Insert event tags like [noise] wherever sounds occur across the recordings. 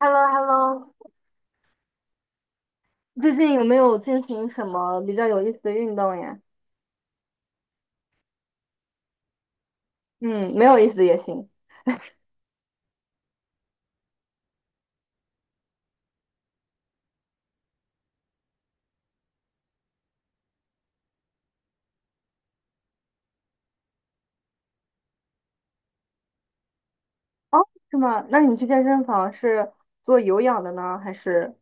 h e l l o h e l l o 最近有没有进行什么比较有意思的运动呀？嗯，没有意思的也行。哦，是吗？那你去健身房是做有氧的呢，还是？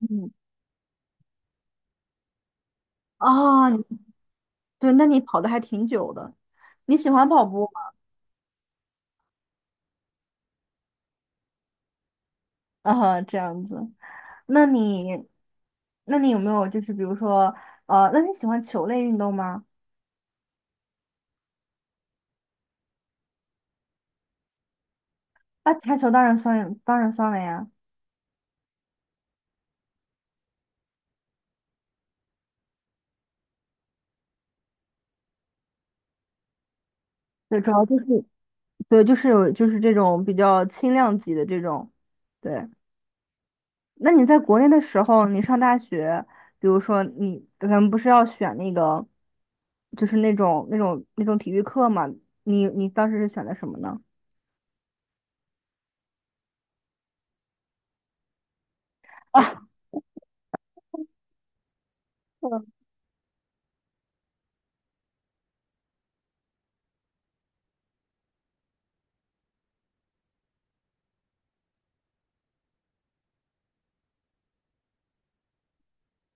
嗯，啊，你对，那你跑的还挺久的。你喜欢跑步吗？[laughs] 啊，这样子。那你，那你有没有就是比如说，那你喜欢球类运动吗？啊，台球当然算，当然算了呀。对，主要就是对，就是有就是这种比较轻量级的这种，对。那你在国内的时候，你上大学，比如说你咱们不是要选那个，就是那种体育课嘛？你当时是选的什么呢？[laughs] 啊，嗯，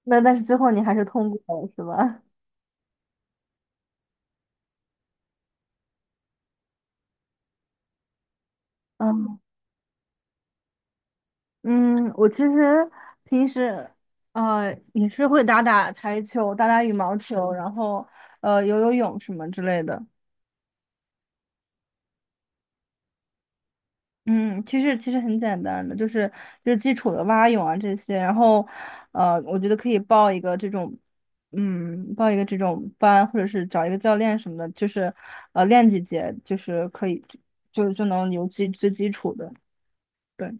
那但是最后你还是通过了，是吧？嗯，嗯，我其实平时也是会打打台球、打打羽毛球，然后游游泳什么之类的。嗯，其实很简单的，就是基础的蛙泳啊这些，然后，我觉得可以报一个这种，嗯，报一个这种班，或者是找一个教练什么的，就是，练几节，就是可以，就能有基最基础的。对，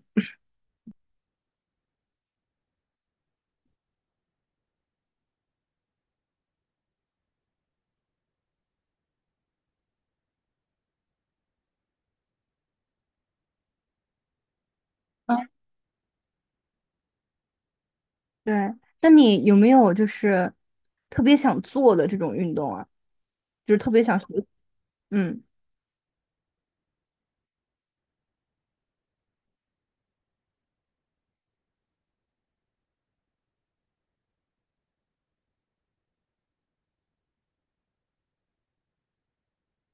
啊，对。那你有没有就是特别想做的这种运动啊？就是特别想学，嗯，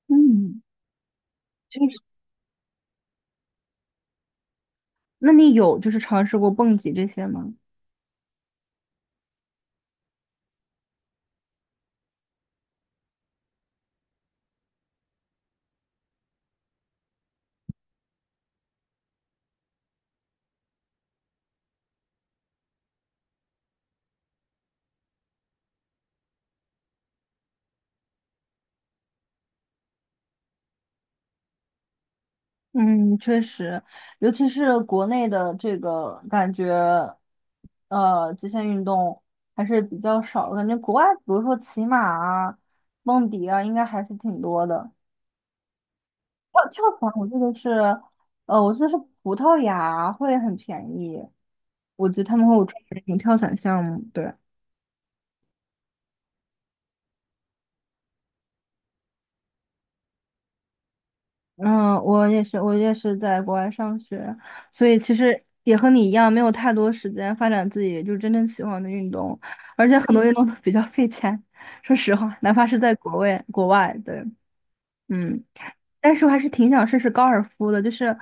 嗯，就是那你有就是尝试过蹦极这些吗？嗯，确实，尤其是国内的这个感觉，极限运动还是比较少的感觉国外，比如说骑马啊、蹦迪啊，应该还是挺多的。跳跳伞，我记得是，呃，我记得是葡萄牙会很便宜，我觉得他们会有专门的那种跳伞项目。对。嗯，我也是，我也是在国外上学，所以其实也和你一样，没有太多时间发展自己就是真正喜欢的运动，而且很多运动都比较费钱。说实话，哪怕是在国外，国外，对，嗯，但是我还是挺想试试高尔夫的，就是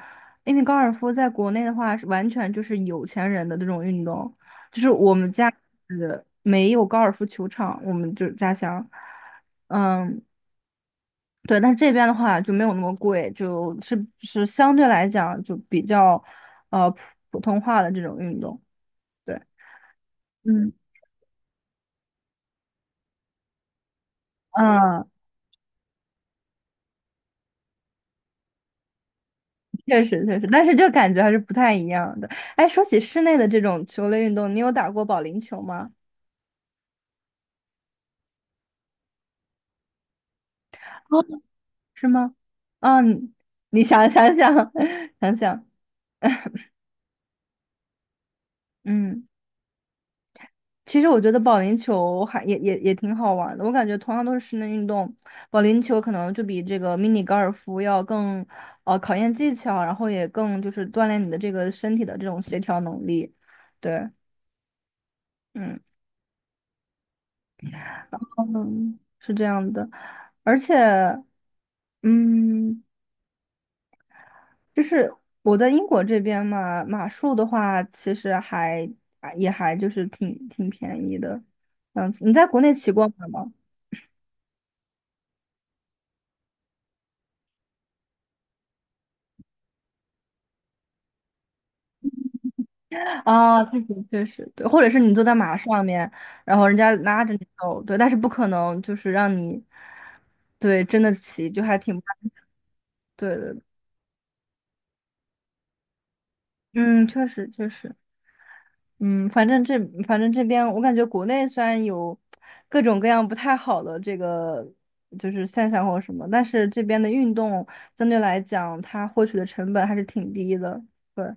因为高尔夫在国内的话，是完全就是有钱人的这种运动，就是我们家没有高尔夫球场，我们就是家乡，嗯。对，但这边的话就没有那么贵，就是是相对来讲就比较，呃，普普通话的这种运动。对，嗯，嗯，确实确实，但是就感觉还是不太一样的。哎，说起室内的这种球类运动，你有打过保龄球吗？哦，是吗？嗯，你想想 [laughs] 想想，嗯。其实我觉得保龄球还也挺好玩的，我感觉同样都是室内运动，保龄球可能就比这个迷你高尔夫要更，考验技巧，然后也更就是锻炼你的这个身体的这种协调能力，对，嗯，嗯，是这样的，而且嗯，就是我在英国这边嘛，马术的话其实也还就是挺挺便宜的，这样子你在国内骑过马吗？啊，确实确实，对，或者是你坐在马上面，然后人家拉着你走，对，但是不可能就是让你，对，真的骑，就还挺，对的，嗯，确实确实，嗯，反正这边我感觉国内虽然有各种各样不太好的这个就是现象或什么，但是这边的运动相对来讲，它获取的成本还是挺低的，对。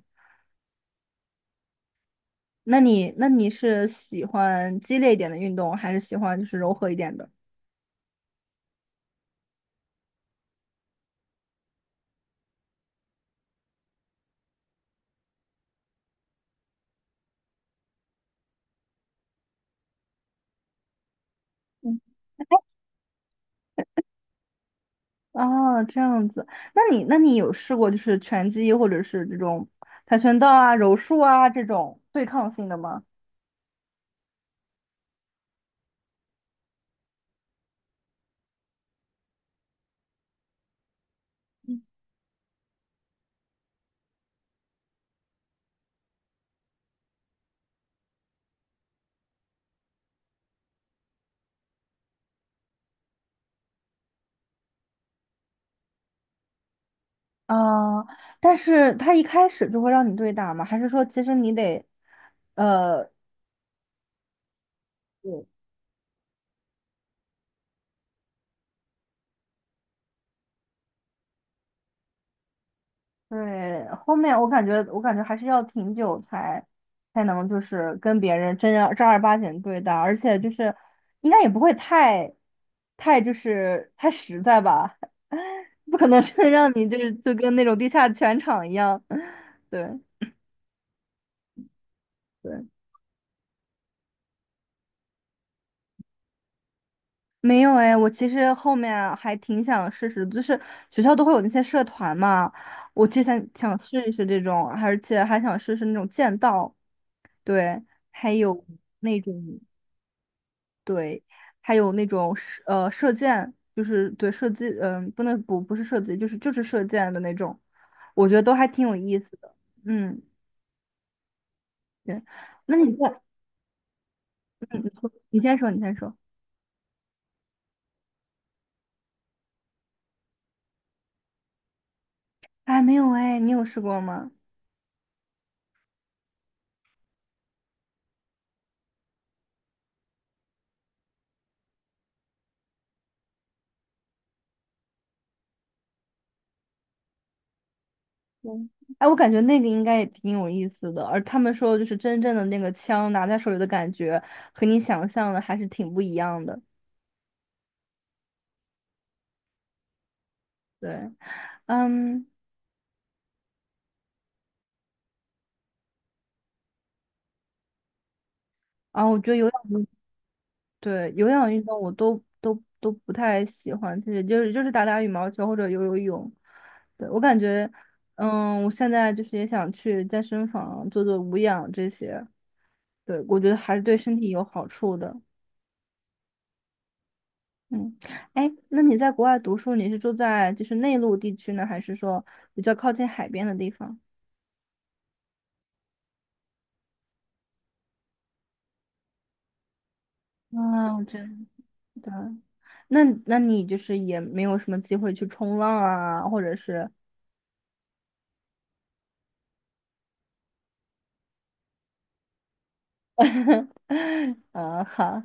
那你是喜欢激烈一点的运动，还是喜欢就是柔和一点的？哦，这样子，那你有试过就是拳击或者是这种跆拳道啊、柔术啊这种对抗性的吗？啊、但是他一开始就会让你对打吗？还是说其实你得，呃，对，后面我感觉，我感觉还是要挺久才能就是跟别人真正正儿八经对待，而且就是应该也不会太就是太实在吧，[laughs] 不可能真的让你就是就跟那种地下拳场一样。[laughs] 对对，没有哎，我其实后面啊还挺想试试，就是学校都会有那些社团嘛，我之前想试一试这种，而且还想试试那种剑道，对，还有那种。对，还有那种射箭，就是对射击，嗯、不能不不是射击，就是射箭的那种，我觉得都还挺有意思的。嗯，对。那你在，嗯，你说你先说。哎，没有哎，你有试过吗？嗯，哎，我感觉那个应该也挺有意思的，而他们说的就是真正的那个枪拿在手里的感觉，和你想象的还是挺不一样的。对，嗯，啊，我觉得有氧。对，有氧运动我都不太喜欢，其实就是打打羽毛球或者游游泳。对，我感觉，嗯，我现在就是也想去健身房做做无氧这些，对，我觉得还是对身体有好处的。嗯，哎，那你在国外读书，你是住在就是内陆地区呢，还是说比较靠近海边的地方？啊，我真的，那你就是也没有什么机会去冲浪啊，或者是，[laughs] 啊，好。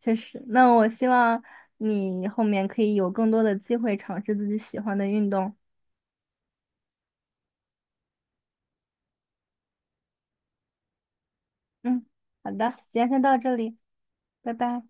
确实，那我希望你后面可以有更多的机会尝试自己喜欢的运动。嗯，好的，今天先到这里，拜拜。